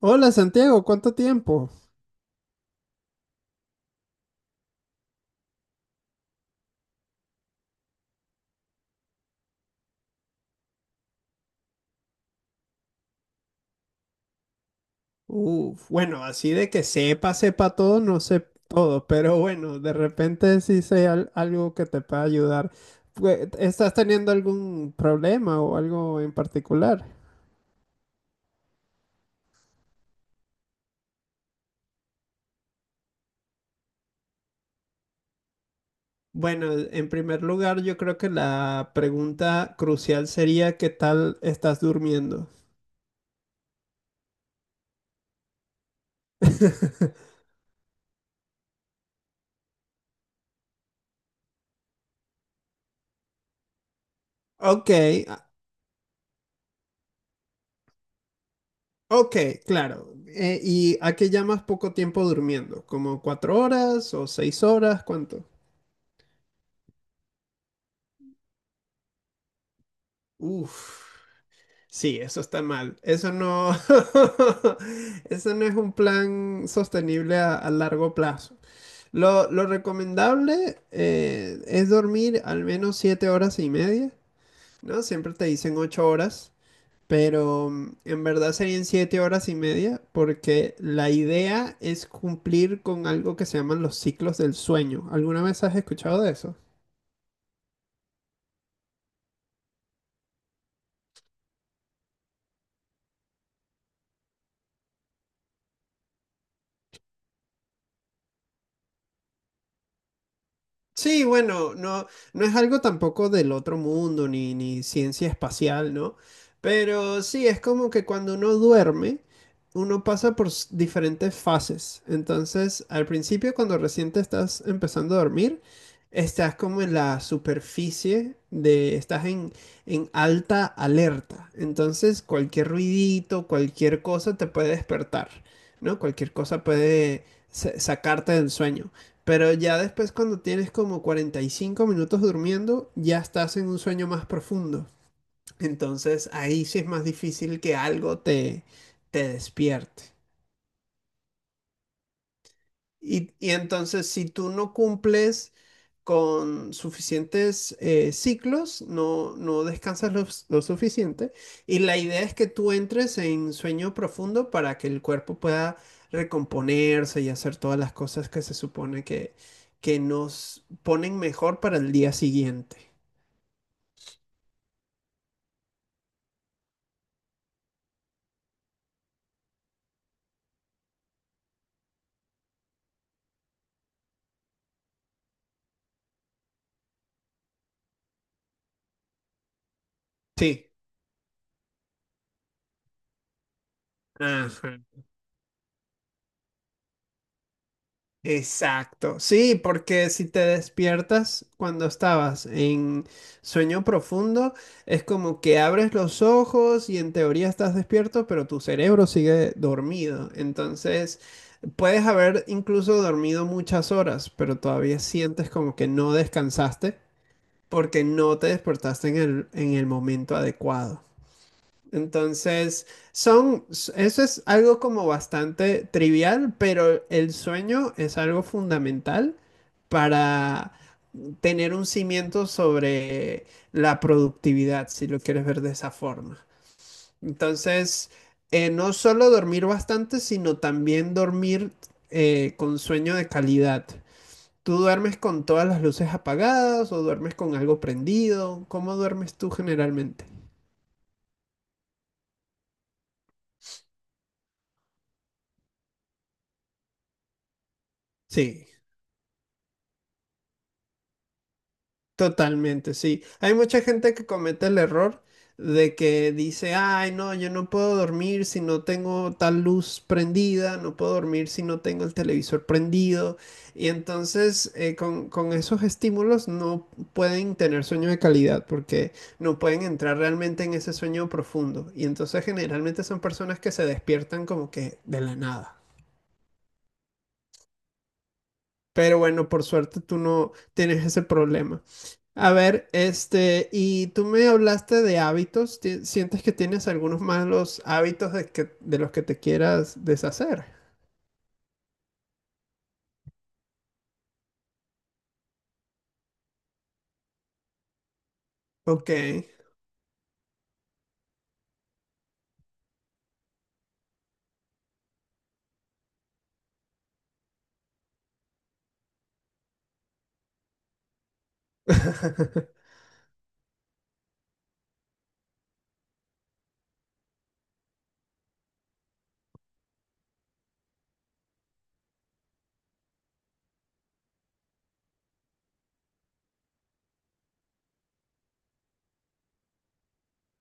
Hola Santiago, ¿cuánto tiempo? Uf, bueno, así de que sepa, sepa todo, no sé todo, pero bueno, de repente sí sé algo que te pueda ayudar. Pues, ¿estás teniendo algún problema o algo en particular? Bueno, en primer lugar, yo creo que la pregunta crucial sería ¿qué tal estás durmiendo? Ok, a- ok, claro. ¿Y a qué llamas poco tiempo durmiendo? ¿Como 4 horas o 6 horas? ¿Cuánto? Uf. Sí, eso está mal. Eso no, eso no es un plan sostenible a largo plazo. Lo recomendable es dormir al menos 7 horas y media, ¿no? Siempre te dicen 8 horas, pero en verdad serían 7 horas y media porque la idea es cumplir con algo que se llaman los ciclos del sueño. ¿Alguna vez has escuchado de eso? Sí, bueno, no, no es algo tampoco del otro mundo, ni ciencia espacial, ¿no? Pero sí, es como que cuando uno duerme, uno pasa por diferentes fases. Entonces, al principio, cuando recién te estás empezando a dormir, estás como en la superficie de, estás en alta alerta. Entonces, cualquier ruidito, cualquier cosa te puede despertar, ¿no? Cualquier cosa puede sacarte del sueño. Pero ya después cuando tienes como 45 minutos durmiendo, ya estás en un sueño más profundo. Entonces ahí sí es más difícil que algo te despierte. Y entonces si tú no cumples con suficientes ciclos, no, no descansas lo suficiente. Y la idea es que tú entres en sueño profundo para que el cuerpo pueda recomponerse y hacer todas las cosas que se supone que nos ponen mejor para el día siguiente. Sí. Ajá. Exacto, sí, porque si te despiertas cuando estabas en sueño profundo, es como que abres los ojos y en teoría estás despierto, pero tu cerebro sigue dormido. Entonces, puedes haber incluso dormido muchas horas, pero todavía sientes como que no descansaste porque no te despertaste en en el momento adecuado. Entonces, eso es algo como bastante trivial, pero el sueño es algo fundamental para tener un cimiento sobre la productividad, si lo quieres ver de esa forma. Entonces, no solo dormir bastante, sino también dormir con sueño de calidad. ¿Tú duermes con todas las luces apagadas o duermes con algo prendido? ¿Cómo duermes tú generalmente? Sí. Totalmente, sí. Hay mucha gente que comete el error de que dice, ay, no, yo no puedo dormir si no tengo tal luz prendida, no puedo dormir si no tengo el televisor prendido. Y entonces con esos estímulos no pueden tener sueño de calidad porque no pueden entrar realmente en ese sueño profundo. Y entonces generalmente son personas que se despiertan como que de la nada. Pero bueno, por suerte tú no tienes ese problema. A ver, este, y tú me hablaste de hábitos. ¿Ti- ¿Sientes que tienes algunos malos hábitos de los que te quieras deshacer? Ok.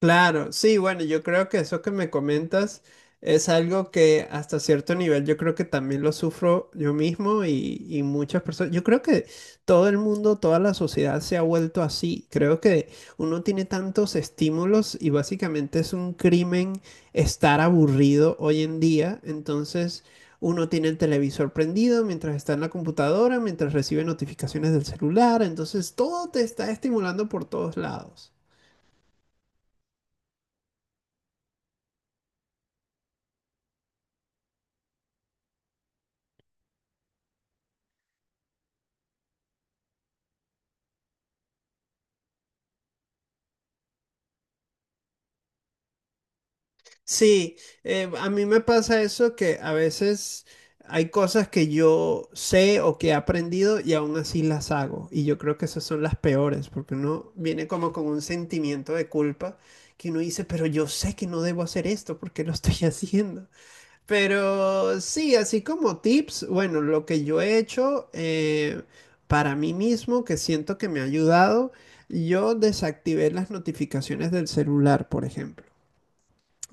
Claro, sí, bueno, yo creo que eso que me comentas es algo que hasta cierto nivel yo creo que también lo sufro yo mismo y muchas personas. Yo creo que todo el mundo, toda la sociedad se ha vuelto así. Creo que uno tiene tantos estímulos y básicamente es un crimen estar aburrido hoy en día. Entonces uno tiene el televisor prendido mientras está en la computadora, mientras recibe notificaciones del celular. Entonces todo te está estimulando por todos lados. Sí, a mí me pasa eso que a veces hay cosas que yo sé o que he aprendido y aún así las hago. Y yo creo que esas son las peores, porque uno viene como con un sentimiento de culpa que uno dice, pero yo sé que no debo hacer esto, ¿por qué lo estoy haciendo? Pero sí, así como tips, bueno, lo que yo he hecho para mí mismo, que siento que me ha ayudado, yo desactivé las notificaciones del celular, por ejemplo.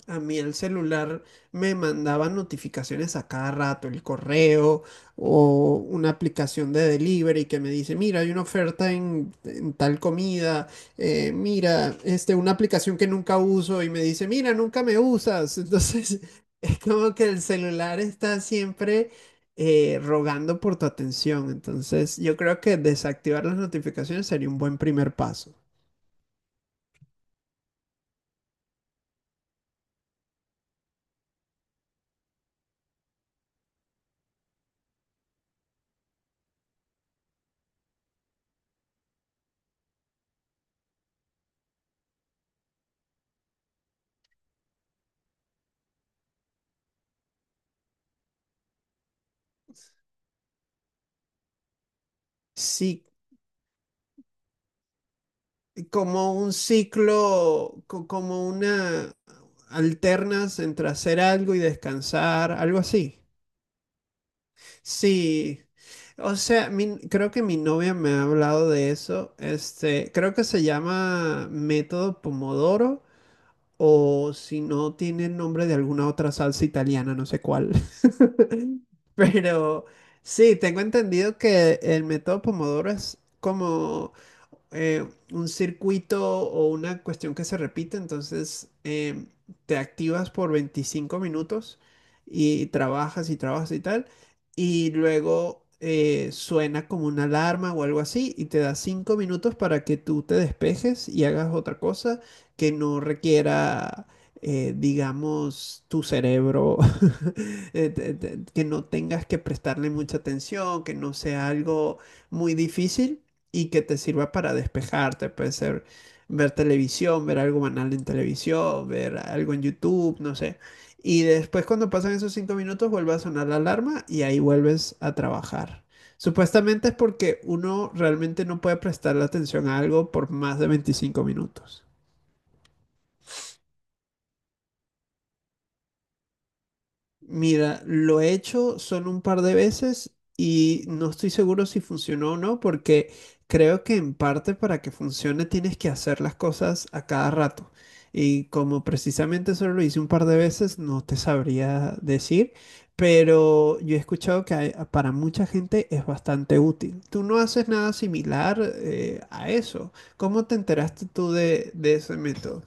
A mí el celular me mandaba notificaciones a cada rato, el correo o una aplicación de delivery que me dice, mira, hay una oferta en tal comida, mira, este, una aplicación que nunca uso y me dice, mira, nunca me usas. Entonces, es como que el celular está siempre rogando por tu atención. Entonces, yo creo que desactivar las notificaciones sería un buen primer paso. Sí, como un ciclo, como una alternas entre hacer algo y descansar, algo así. Sí, o sea, creo que mi novia me ha hablado de eso. Este, creo que se llama método Pomodoro. O si no tiene el nombre de alguna otra salsa italiana, no sé cuál. Pero sí, tengo entendido que el método Pomodoro es como un circuito o una cuestión que se repite, entonces te activas por 25 minutos y trabajas y trabajas y tal, y luego suena como una alarma o algo así y te da 5 minutos para que tú te despejes y hagas otra cosa que no requiera... digamos, tu cerebro, que no tengas que prestarle mucha atención, que no sea algo muy difícil y que te sirva para despejarte. Puede ser ver televisión, ver algo banal en televisión, ver algo en YouTube, no sé. Y después cuando pasan esos 5 minutos vuelve a sonar la alarma y ahí vuelves a trabajar. Supuestamente es porque uno realmente no puede prestarle atención a algo por más de 25 minutos. Mira, lo he hecho solo un par de veces y no estoy seguro si funcionó o no, porque creo que en parte para que funcione tienes que hacer las cosas a cada rato. Y como precisamente solo lo hice un par de veces, no te sabría decir, pero yo he escuchado que para mucha gente es bastante útil. Tú no haces nada similar a eso. ¿Cómo te enteraste tú de ese método?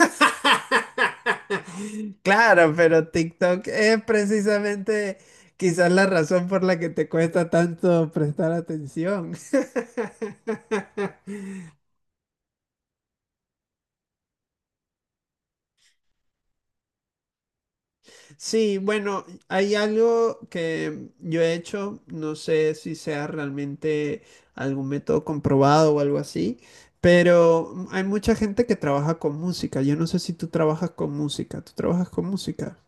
Claro, pero TikTok es precisamente quizás la razón por la que te cuesta tanto prestar atención. Sí, bueno, hay algo que yo he hecho, no sé si sea realmente algún método comprobado o algo así, pero hay mucha gente que trabaja con música. Yo no sé si tú trabajas con música. ¿Tú trabajas con música?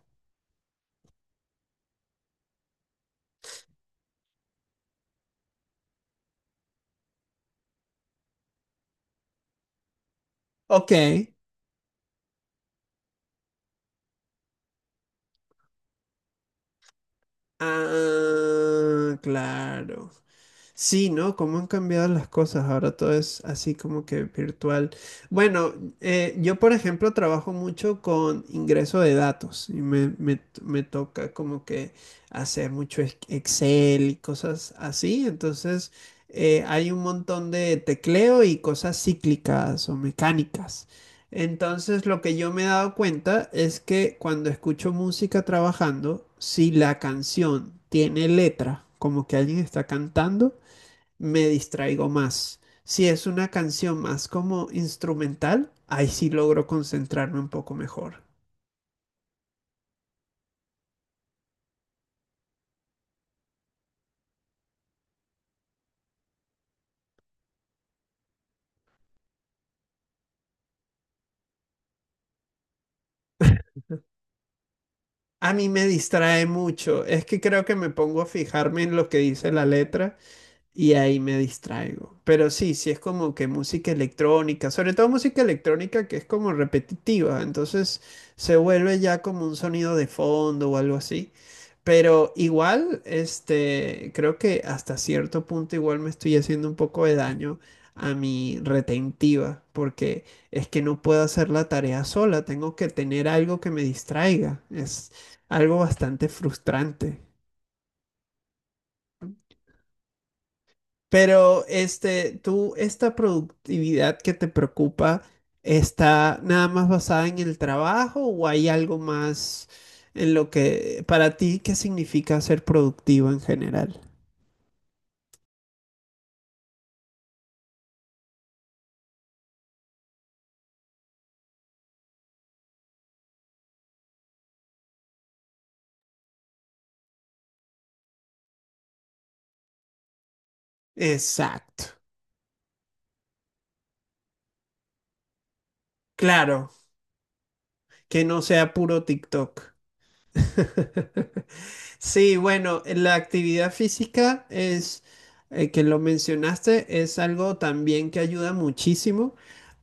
Ok. Ah, claro. Sí, ¿no? Cómo han cambiado las cosas. Ahora todo es así como que virtual. Bueno, yo por ejemplo trabajo mucho con ingreso de datos y me toca como que hacer mucho Excel y cosas así. Entonces hay un montón de tecleo y cosas cíclicas o mecánicas. Entonces lo que yo me he dado cuenta es que cuando escucho música trabajando, si la canción tiene letra, como que alguien está cantando, me distraigo más. Si es una canción más como instrumental, ahí sí logro concentrarme un poco mejor. A mí me distrae mucho, es que creo que me pongo a fijarme en lo que dice la letra. Y ahí me distraigo. Pero sí, sí es como que música electrónica, sobre todo música electrónica que es como repetitiva, entonces se vuelve ya como un sonido de fondo o algo así. Pero igual, este, creo que hasta cierto punto igual me estoy haciendo un poco de daño a mi retentiva, porque es que no puedo hacer la tarea sola, tengo que tener algo que me distraiga. Es algo bastante frustrante. Pero este, tú, esta productividad que te preocupa, ¿está nada más basada en el trabajo o hay algo más en lo que, para ti, qué significa ser productivo en general? Exacto. Claro, que no sea puro TikTok. Sí, bueno, la actividad física es, que lo mencionaste, es algo también que ayuda muchísimo,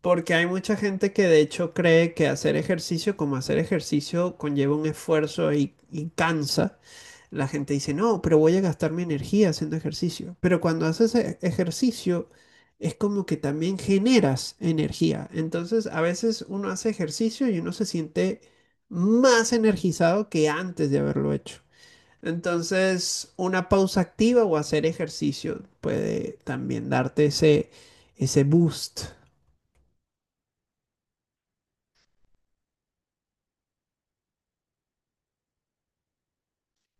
porque hay mucha gente que de hecho cree que hacer ejercicio como hacer ejercicio conlleva un esfuerzo y cansa. La gente dice, no, pero voy a gastar mi energía haciendo ejercicio. Pero cuando haces ejercicio, es como que también generas energía. Entonces, a veces uno hace ejercicio y uno se siente más energizado que antes de haberlo hecho. Entonces, una pausa activa o hacer ejercicio puede también darte ese, ese boost.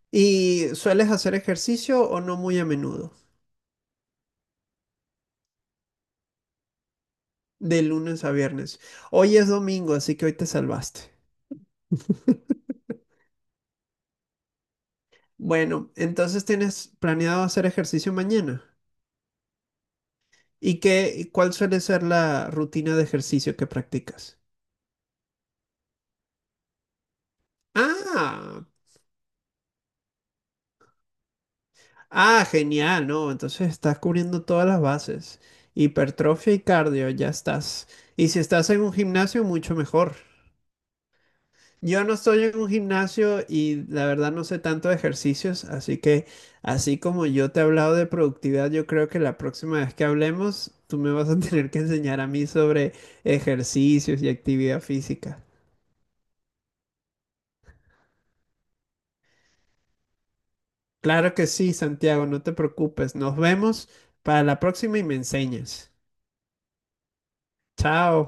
¿Y sueles hacer ejercicio o no muy a menudo? De lunes a viernes. Hoy es domingo, así que hoy te salvaste. Bueno, entonces tienes planeado hacer ejercicio mañana. ¿Y qué, y cuál suele ser la rutina de ejercicio que practicas? Ah, ah, genial, ¿no? Entonces estás cubriendo todas las bases. Hipertrofia y cardio, ya estás. Y si estás en un gimnasio, mucho mejor. Yo no estoy en un gimnasio y la verdad no sé tanto de ejercicios, así que así como yo te he hablado de productividad, yo creo que la próxima vez que hablemos, tú me vas a tener que enseñar a mí sobre ejercicios y actividad física. Claro que sí, Santiago, no te preocupes. Nos vemos para la próxima y me enseñas. Chao.